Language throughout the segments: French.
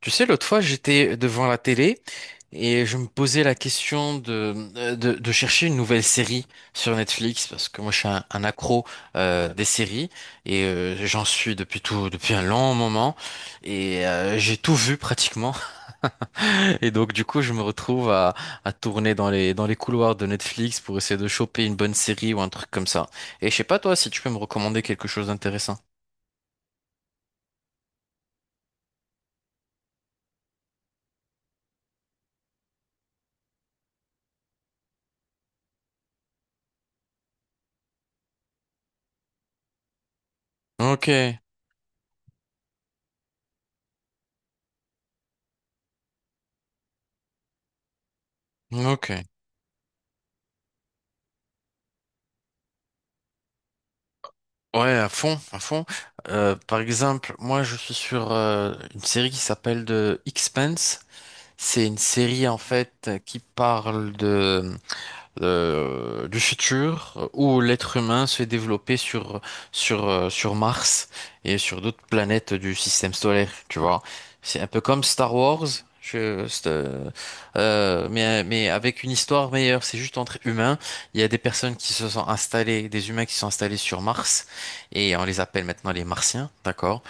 Tu sais, l'autre fois, j'étais devant la télé et je me posais la question de chercher une nouvelle série sur Netflix parce que moi, je suis un accro des séries j'en suis depuis un long moment j'ai tout vu pratiquement. Et donc, du coup, je me retrouve à tourner dans dans les couloirs de Netflix pour essayer de choper une bonne série ou un truc comme ça. Et je sais pas, toi, si tu peux me recommander quelque chose d'intéressant. Ok, ok. Ouais, à fond, à fond. Par exemple, moi, je suis sur une série qui s'appelle The Expanse. C'est une série en fait qui parle de du futur où l'être humain se fait développer sur Mars et sur d'autres planètes du système solaire, tu vois. C'est un peu comme Star Wars, je, c'est, euh, mais avec une histoire meilleure. C'est juste entre humains. Il y a des personnes qui se sont installées, des humains qui sont installés sur Mars et on les appelle maintenant les Martiens, d'accord?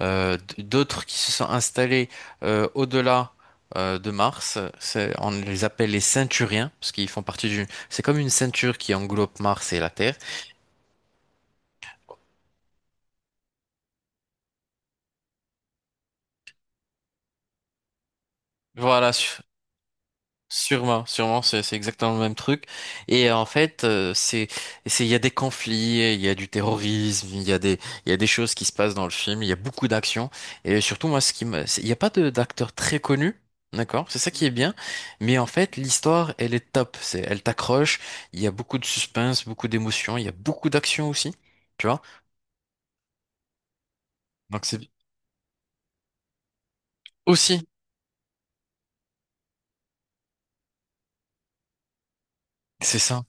D'autres qui se sont installés au-delà de Mars. On les appelle les Ceinturiens, parce qu'ils font partie d'une, c'est comme une ceinture qui englobe Mars et la Terre. Voilà, su- Sûrement, c'est exactement le même truc. Et en fait, c'est, il y a des conflits, il y a du terrorisme, il y a des choses qui se passent dans le film, il y a beaucoup d'actions. Et surtout, moi, ce qui me, c'est- il n'y a pas de d'acteur très connu. D'accord, c'est ça qui est bien, mais en fait l'histoire elle est top, c'est elle t'accroche, il y a beaucoup de suspense, beaucoup d'émotions, il y a beaucoup d'action aussi, tu vois. Donc c'est aussi, c'est ça.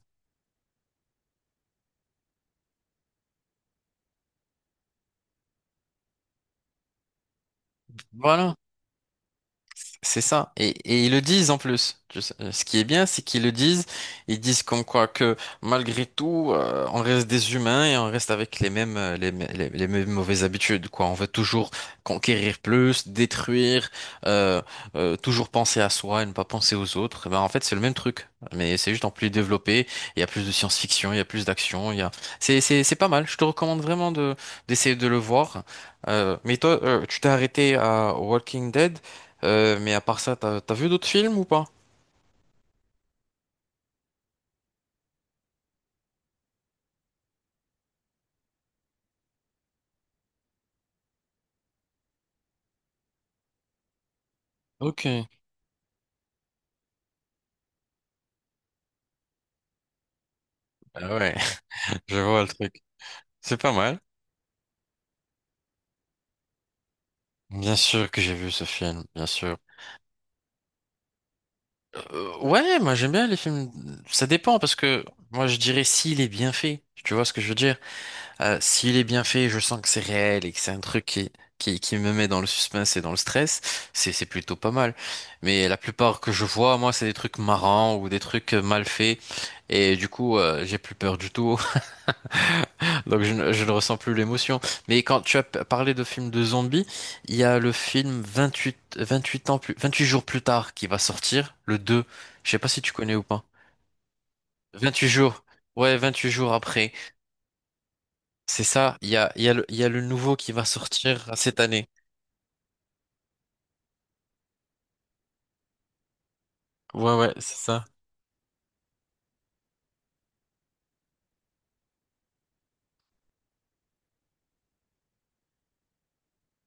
Voilà, c'est ça. Et ils le disent en plus. Tu sais, ce qui est bien, c'est qu'ils le disent. Ils disent comme quoi que malgré tout, on reste des humains et on reste avec les mêmes, les mêmes mauvaises habitudes, quoi. On veut toujours conquérir plus, détruire, euh, toujours penser à soi et ne pas penser aux autres. Et ben, en fait, c'est le même truc. Mais c'est juste en plus développé. Il y a plus de science-fiction, il y a plus d'action. Il y a... c'est pas mal. Je te recommande vraiment d'essayer de le voir. Mais toi, tu t'es arrêté à Walking Dead. Mais à part ça, t'as, t'as vu d'autres films ou pas? Ok. Ah ouais, je vois le truc. C'est pas mal. Bien sûr que j'ai vu ce film, bien sûr. Ouais, moi j'aime bien les films. Ça dépend parce que moi je dirais s'il est bien fait. Tu vois ce que je veux dire? S'il est bien fait, je sens que c'est réel et que c'est un truc qui me met dans le suspense et dans le stress. C'est plutôt pas mal. Mais la plupart que je vois, moi, c'est des trucs marrants ou des trucs mal faits. Et du coup, j'ai plus peur du tout. Donc je ne ressens plus l'émotion. Mais quand tu as parlé de films de zombies, il y a le film 28 jours plus tard qui va sortir, le 2. Je sais pas si tu connais ou pas. 28 jours. Ouais, 28 jours après. C'est ça. Il y a le, il y a le nouveau qui va sortir cette année. Ouais, ouais, c'est ça.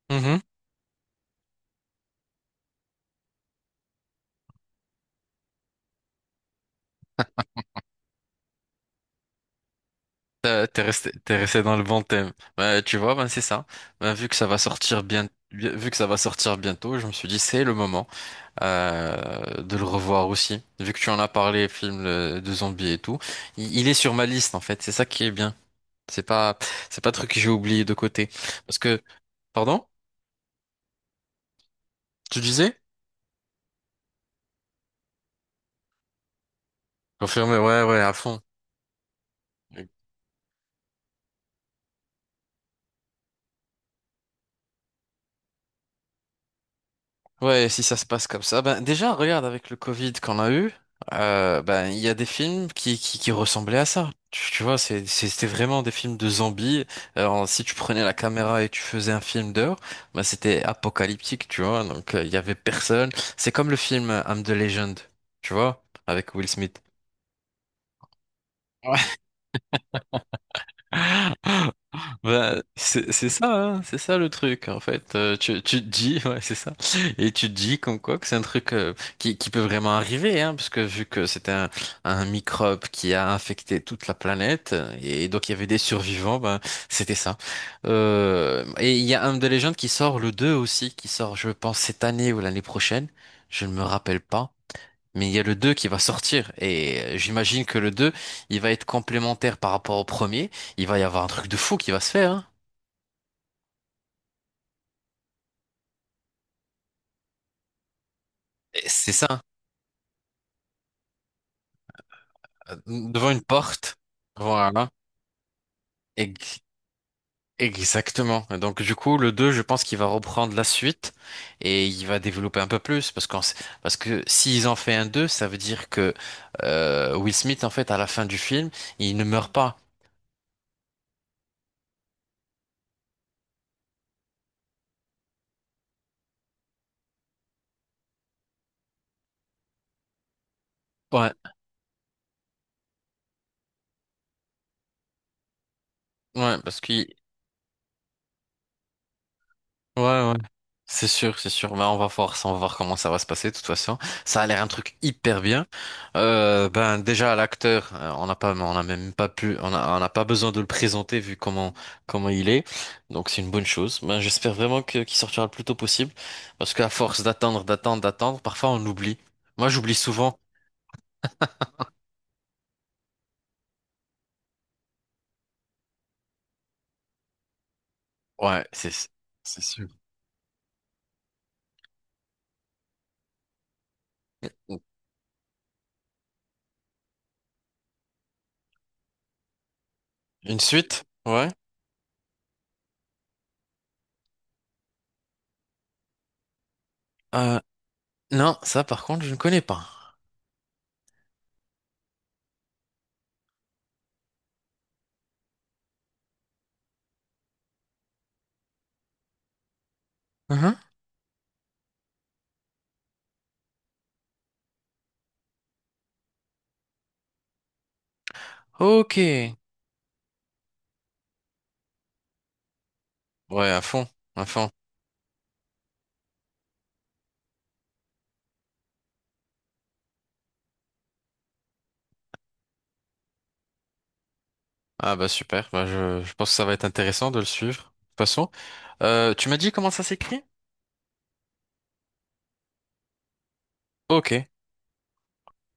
Mhm. T'es resté dans le bon thème. Bah, tu vois, ben c'est ça. Ben, vu que ça va sortir bientôt, je me suis dit c'est le moment de le revoir aussi. Vu que tu en as parlé, film de zombies et tout, il est sur ma liste en fait. C'est ça qui est bien. C'est pas, c'est pas un truc que j'ai oublié de côté. Parce que, pardon? Tu disais? Confirmé, ouais, ouais, à fond. Ouais, si ça se passe comme ça, ben déjà regarde avec le Covid qu'on a eu, ben il y a des films qui ressemblaient à ça. Tu vois, c'était vraiment des films de zombies. Alors si tu prenais la caméra et tu faisais un film d'heure, ben c'était apocalyptique, tu vois. Donc il y avait personne. C'est comme le film I'm the Legend, tu vois, avec Will Smith. Bah, c'est ça, hein, c'est ça le truc en fait. Tu te dis, ouais, c'est ça. Et tu te dis comme quoi que c'est un truc qui peut vraiment arriver, hein, parce que vu que c'était un microbe qui a infecté toute la planète, et donc il y avait des survivants, ben c'était ça. Et il y a un de légende qui sort le 2 aussi, qui sort, je pense, cette année ou l'année prochaine, je ne me rappelle pas. Mais il y a le 2 qui va sortir, et j'imagine que le 2 il va être complémentaire par rapport au premier. Il va y avoir un truc de fou qui va se faire, hein. Et c'est ça, devant une porte. Voilà, Ex- exactement. Et donc du coup, le 2, je pense qu'il va reprendre la suite et il va développer un peu plus parce que s'ils en fait un 2, ça veut dire que Will Smith, en fait, à la fin du film, il ne meurt pas. Ouais, ouais, parce qu'il... Ouais, ouais. C'est sûr, c'est sûr. Ben, on va voir ça, on va voir comment ça va se passer, de toute façon. Ça a l'air un truc hyper bien. Ben, déjà, l'acteur, on n'a pas, on n'a même pas pu, on a- on n'a pas besoin de le présenter vu comment, comment il est. Donc, c'est une bonne chose. Ben, j'espère vraiment qu'il sortira le plus tôt possible. Parce qu'à force d'attendre, d'attendre, d'attendre, parfois on oublie. Moi, j'oublie souvent. Ouais, c'est sûr. Une suite? Ouais. Euh, non, ça, par contre, je ne connais pas. Mhm. Ok. Ouais, à fond, à fond. Ah bah super, bah je pense que ça va être intéressant de le suivre. De toute façon, tu m'as dit comment ça s'écrit? Ok,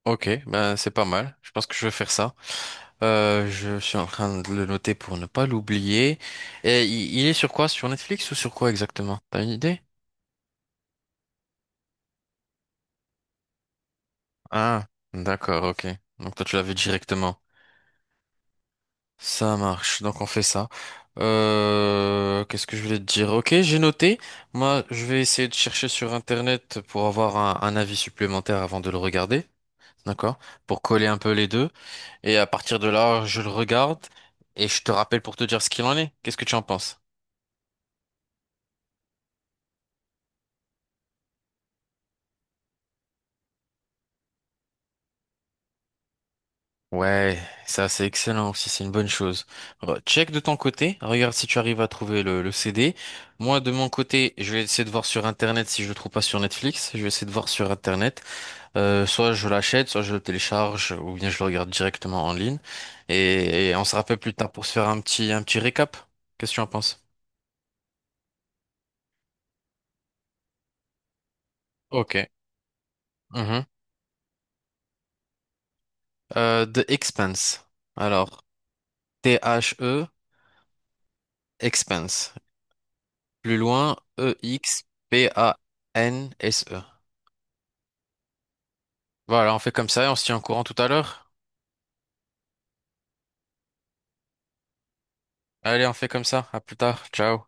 ok, ben c'est pas mal. Je pense que je vais faire ça. Je suis en train de le noter pour ne pas l'oublier. Et il est sur quoi? Sur Netflix ou sur quoi exactement? T'as une idée? Ah, d'accord, ok. Donc toi tu l'avais directement. Ça marche, donc on fait ça. Qu'est-ce que je voulais te dire? Ok, j'ai noté. Moi, je vais essayer de chercher sur Internet pour avoir un avis supplémentaire avant de le regarder. D'accord. Pour coller un peu les deux. Et à partir de là, je le regarde et je te rappelle pour te dire ce qu'il en est. Qu'est-ce que tu en penses? Ouais, ça c'est excellent aussi, c'est une bonne chose. Check de ton côté, regarde si tu arrives à trouver le CD. Moi de mon côté, je vais essayer de voir sur Internet si je le trouve pas sur Netflix. Je vais essayer de voir sur Internet. Soit je l'achète, soit je le télécharge, ou bien je le regarde directement en ligne. Et on se rappelle plus tard pour se faire un petit récap. Qu'est-ce que tu en penses? Ok. Mhm. The Expanse. Alors, THE, Expanse. Plus loin, Expanse. Voilà, on fait comme ça et on se tient au courant tout à l'heure. Allez, on fait comme ça. À plus tard. Ciao.